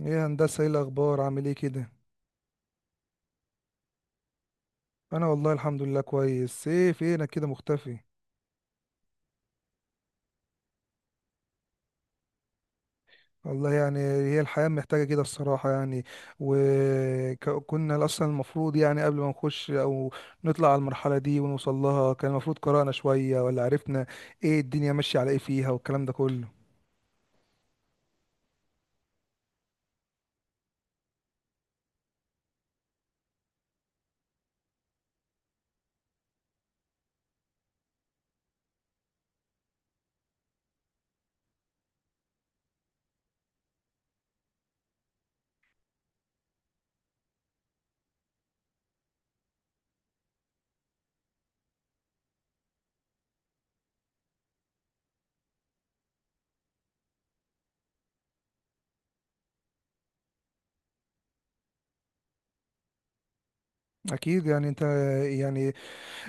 ايه يا هندسة، ايه الأخبار؟ عامل ايه كده؟ أنا والله الحمد لله كويس. ايه فينك كده مختفي؟ والله يعني هي الحياة محتاجة كده الصراحة يعني. وكنا أصلا المفروض يعني قبل ما نخش أو نطلع على المرحلة دي ونوصل لها، كان المفروض قرأنا شوية ولا عرفنا ايه الدنيا ماشية على ايه فيها والكلام ده كله. أكيد يعني. أنت يعني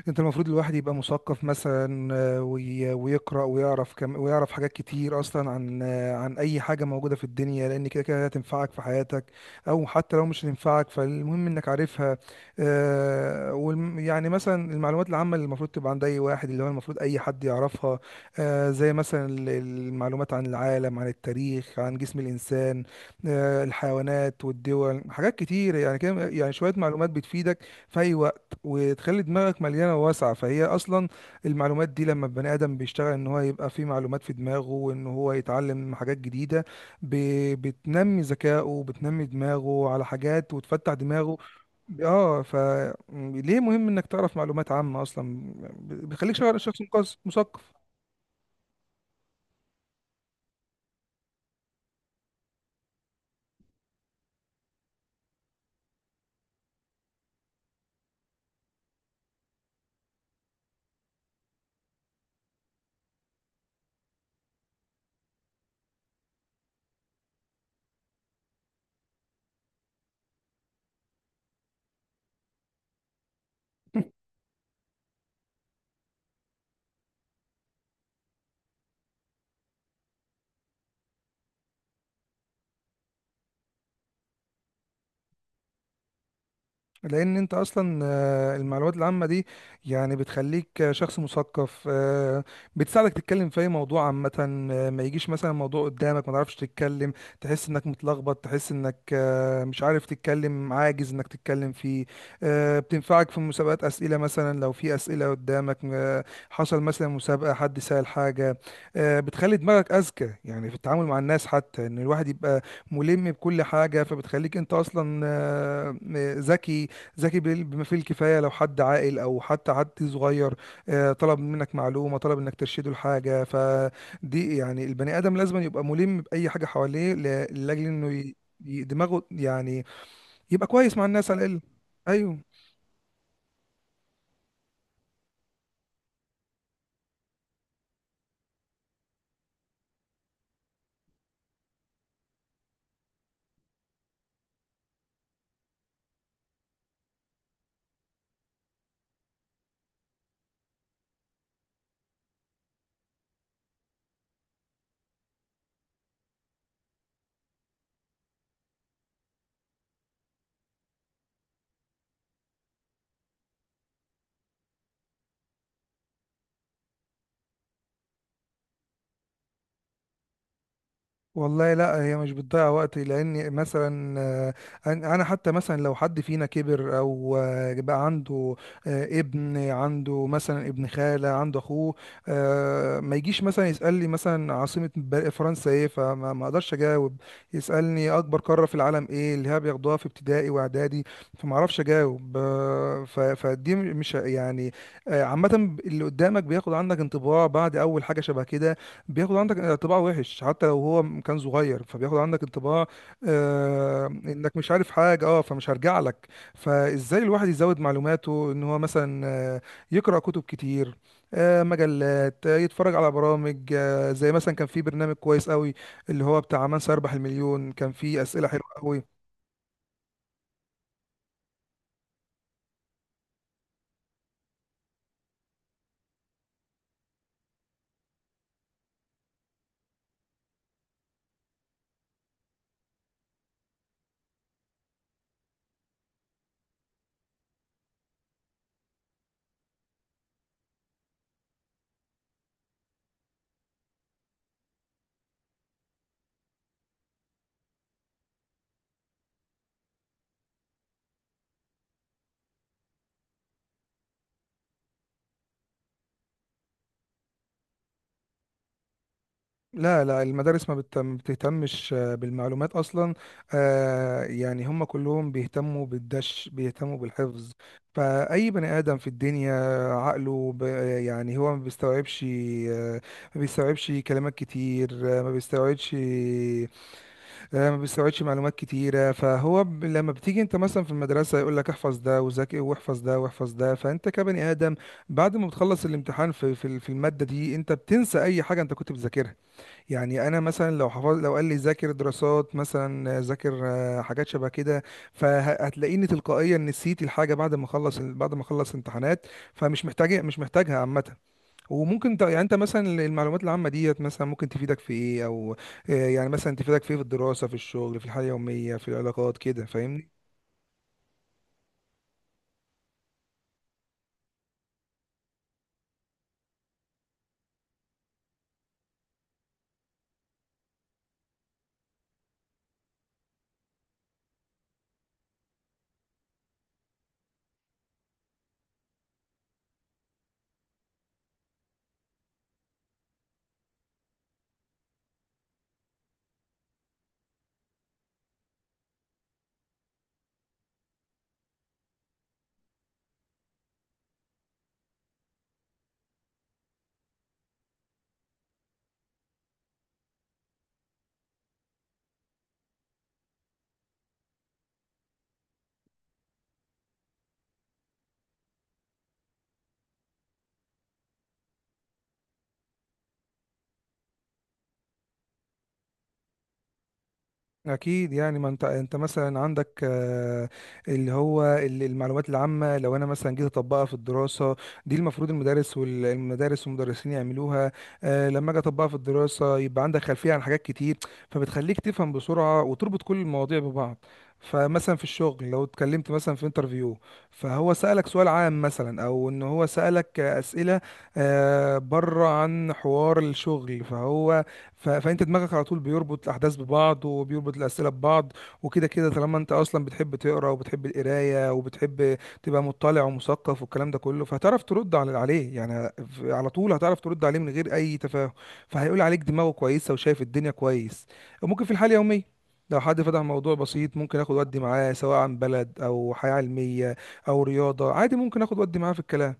انت المفروض الواحد يبقى مثقف مثلا، ويقرأ ويعرف كم ويعرف حاجات كتير اصلا عن عن اي حاجة موجودة في الدنيا، لان كده كده هتنفعك في حياتك. او حتى لو مش هتنفعك فالمهم انك عارفها. يعني مثلا المعلومات العامة اللي المفروض تبقى عند اي واحد، اللي هو المفروض اي حد يعرفها. زي مثلا المعلومات عن العالم، عن التاريخ، عن جسم الانسان، الحيوانات والدول، حاجات كتير يعني كده. يعني شوية معلومات بتفيدك في اي وقت، وتخلي دماغك مليانه واسعه. فهي اصلا المعلومات دي، لما البني ادم بيشتغل ان هو يبقى فيه معلومات في دماغه وان هو يتعلم حاجات جديده، ب... بتنمي ذكائه، بتنمي دماغه على حاجات وتفتح دماغه. اه، فليه مهم انك تعرف معلومات عامه اصلا؟ بيخليك شخص مثقف مثقف. لان انت اصلا، المعلومات العامه دي يعني بتخليك شخص مثقف. بتساعدك تتكلم في اي موضوع عامه. ما يجيش مثلا موضوع قدامك ما تعرفش تتكلم، تحس انك متلخبط، تحس انك مش عارف تتكلم، عاجز انك تتكلم فيه. بتنفعك في مسابقات اسئله. مثلا لو في اسئله قدامك، حصل مثلا مسابقه، حد سأل حاجه، بتخلي دماغك اذكى. يعني في التعامل مع الناس، حتى ان الواحد يبقى ملم بكل حاجه. فبتخليك انت اصلا ذكي. بما فيه الكفاية. لو حد عاقل أو حتى حد صغير طلب منك معلومة، طلب إنك ترشده لحاجة، فدي يعني البني آدم لازم يبقى ملم بأي حاجة حواليه لأجل إنه دماغه يعني يبقى كويس مع الناس على الأقل. أيوه. والله لا، هي مش بتضيع وقت. لان مثلا أنا حتى مثلا لو حد فينا كبر او بقى عنده ابن، عنده مثلا ابن خالة، عنده اخوه، ما يجيش مثلا يسألني مثلا عاصمة فرنسا ايه، فما ما اقدرش اجاوب. يسألني اكبر قارة في العالم ايه، اللي هي بياخدوها في ابتدائي واعدادي، فما اعرفش اجاوب. فدي مش يعني، عامة اللي قدامك بياخد عنك انطباع بعد اول حاجة شبه كده. بياخد عندك انطباع وحش، حتى لو هو كان صغير، فبياخد عندك انطباع آه انك مش عارف حاجه. اه، فمش هرجع لك. فازاي الواحد يزود معلوماته؟ ان هو مثلا يقرا كتب كتير، آه مجلات، آه يتفرج على برامج، آه زي مثلا كان في برنامج كويس قوي اللي هو بتاع من سيربح المليون، كان فيه اسئله حلوه قوي. لا لا، المدارس ما بتهتمش بالمعلومات اصلا. يعني هم كلهم بيهتموا بالدش، بيهتموا بالحفظ. فاي بني ادم في الدنيا عقله يعني هو ما بيستوعبش، آه، ما بيستوعبش كلمات كتير، ما بيستوعبش، ما بيستوعبش معلومات كتيره. فهو لما بتيجي انت مثلا في المدرسه يقول لك احفظ ده وذاكر واحفظ ده واحفظ ده، فانت كبني ادم بعد ما بتخلص الامتحان في في الماده دي، انت بتنسى اي حاجه انت كنت بتذاكرها. يعني انا مثلا لو حفظ، لو قال لي ذاكر دراسات مثلا، ذاكر حاجات شبه كده، فهتلاقيني تلقائيا نسيت الحاجه بعد ما اخلص، امتحانات. فمش محتاج مش محتاجها عامه. يعني انت مثلا المعلومات العامه ديت مثلا ممكن تفيدك في ايه، او يعني مثلا تفيدك في ايه؟ في الدراسه، في الشغل، في الحياه اليوميه، في العلاقات كده، فاهمني؟ اكيد يعني. ما انت مثلا عندك اللي هو المعلومات العامه، لو انا مثلا جيت اطبقها في الدراسه، دي المفروض المدارس والمدرسين يعملوها. لما اجي اطبقها في الدراسه، يبقى عندك خلفيه عن حاجات كتير، فبتخليك تفهم بسرعه وتربط كل المواضيع ببعض. فمثلا في الشغل لو اتكلمت مثلا في انترفيو، فهو سألك سؤال عام مثلا، او ان هو سألك اسئله بره عن حوار الشغل، فانت دماغك على طول بيربط الاحداث ببعض، وبيربط الاسئله ببعض. وكده كده طالما انت اصلا بتحب تقرا وبتحب القرايه وبتحب تبقى مطلع ومثقف والكلام ده كله، فهتعرف ترد عليه يعني. على طول هتعرف ترد عليه من غير اي تفاهم. فهيقول عليك دماغه كويسه وشايف الدنيا كويس. وممكن في الحاله اليوميه لو حد فتح موضوع بسيط، ممكن اخد ودي معاه، سواء عن بلد او حياه علميه او رياضه عادي، ممكن اخد ودي معاه في الكلام.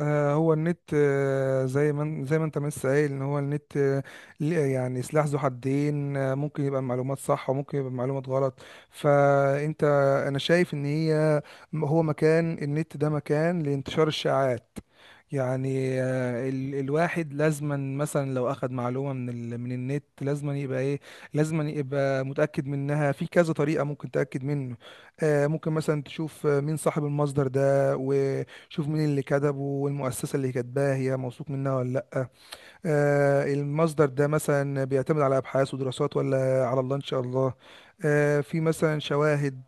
هو النت زي ما زي ما انت ما لسه قايل، ان هو النت يعني سلاح ذو حدين. ممكن يبقى معلومات صح وممكن يبقى معلومات غلط. فانت انا شايف ان هو مكان النت ده مكان لانتشار الشائعات. يعني آه، ال الواحد لازما مثلا لو اخذ معلومة من من النت، لازما يبقى ايه، لازما يبقى متأكد منها في كذا طريقة ممكن تأكد منه. ممكن مثلا تشوف مين صاحب المصدر ده، شوف مين اللي كتبه، والمؤسسة اللي كاتباها هي موثوق منها ولا لأ. آه، المصدر ده مثلا بيعتمد على أبحاث ودراسات ولا على الله إن شاء الله. آه، في مثلا شواهد.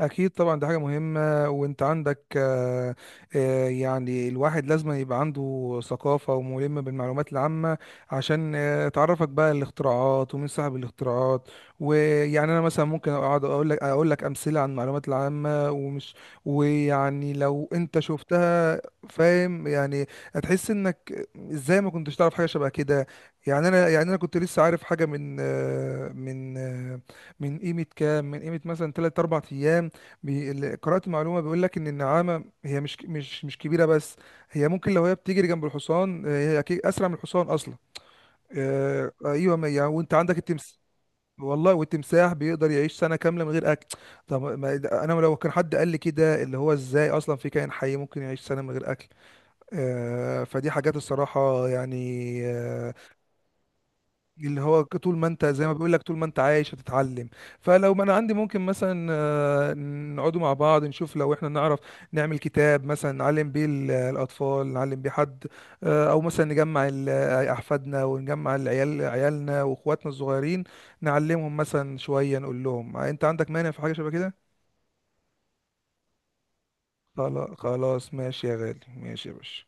اكيد طبعا دي حاجه مهمه. وانت عندك يعني الواحد لازم يبقى عنده ثقافه وملم بالمعلومات العامه، عشان تعرفك بقى الاختراعات ومين صاحب الاختراعات. ويعني انا مثلا ممكن اقعد اقول لك امثله عن المعلومات العامه، ومش. ويعني لو انت شفتها، فاهم يعني، هتحس انك ازاي ما كنتش تعرف حاجه شبه كده. يعني انا كنت لسه عارف حاجه من من قيمه كام، من قيمه مثلا 3 4 ايام، اللي قرأت معلومة بيقول لك إن النعامة هي مش كبيرة بس، هي ممكن لو هي بتجري جنب الحصان، هي أكيد أسرع من الحصان أصلا. أيوه ما يعني. وأنت عندك التمس... والله، والتمساح بيقدر يعيش سنة كاملة من غير أكل. طب ما... ده- أنا لو كان حد قال لي كده، اللي هو إزاي أصلا في كائن حي ممكن يعيش سنة من غير أكل؟ فدي حاجات الصراحة يعني، اللي هو طول ما انت، زي ما بيقول لك، طول ما انت عايش هتتعلم. فلو ما انا عندي، ممكن مثلا نقعدوا مع بعض، نشوف لو احنا نعرف نعمل كتاب مثلا نعلم بيه الاطفال، نعلم بيه حد، او مثلا نجمع احفادنا، ونجمع العيال، عيالنا واخواتنا الصغيرين، نعلمهم مثلا شوية. نقول لهم انت عندك مانع في حاجة شبه كده؟ خلاص ماشي يا غالي، ماشي يا باشا.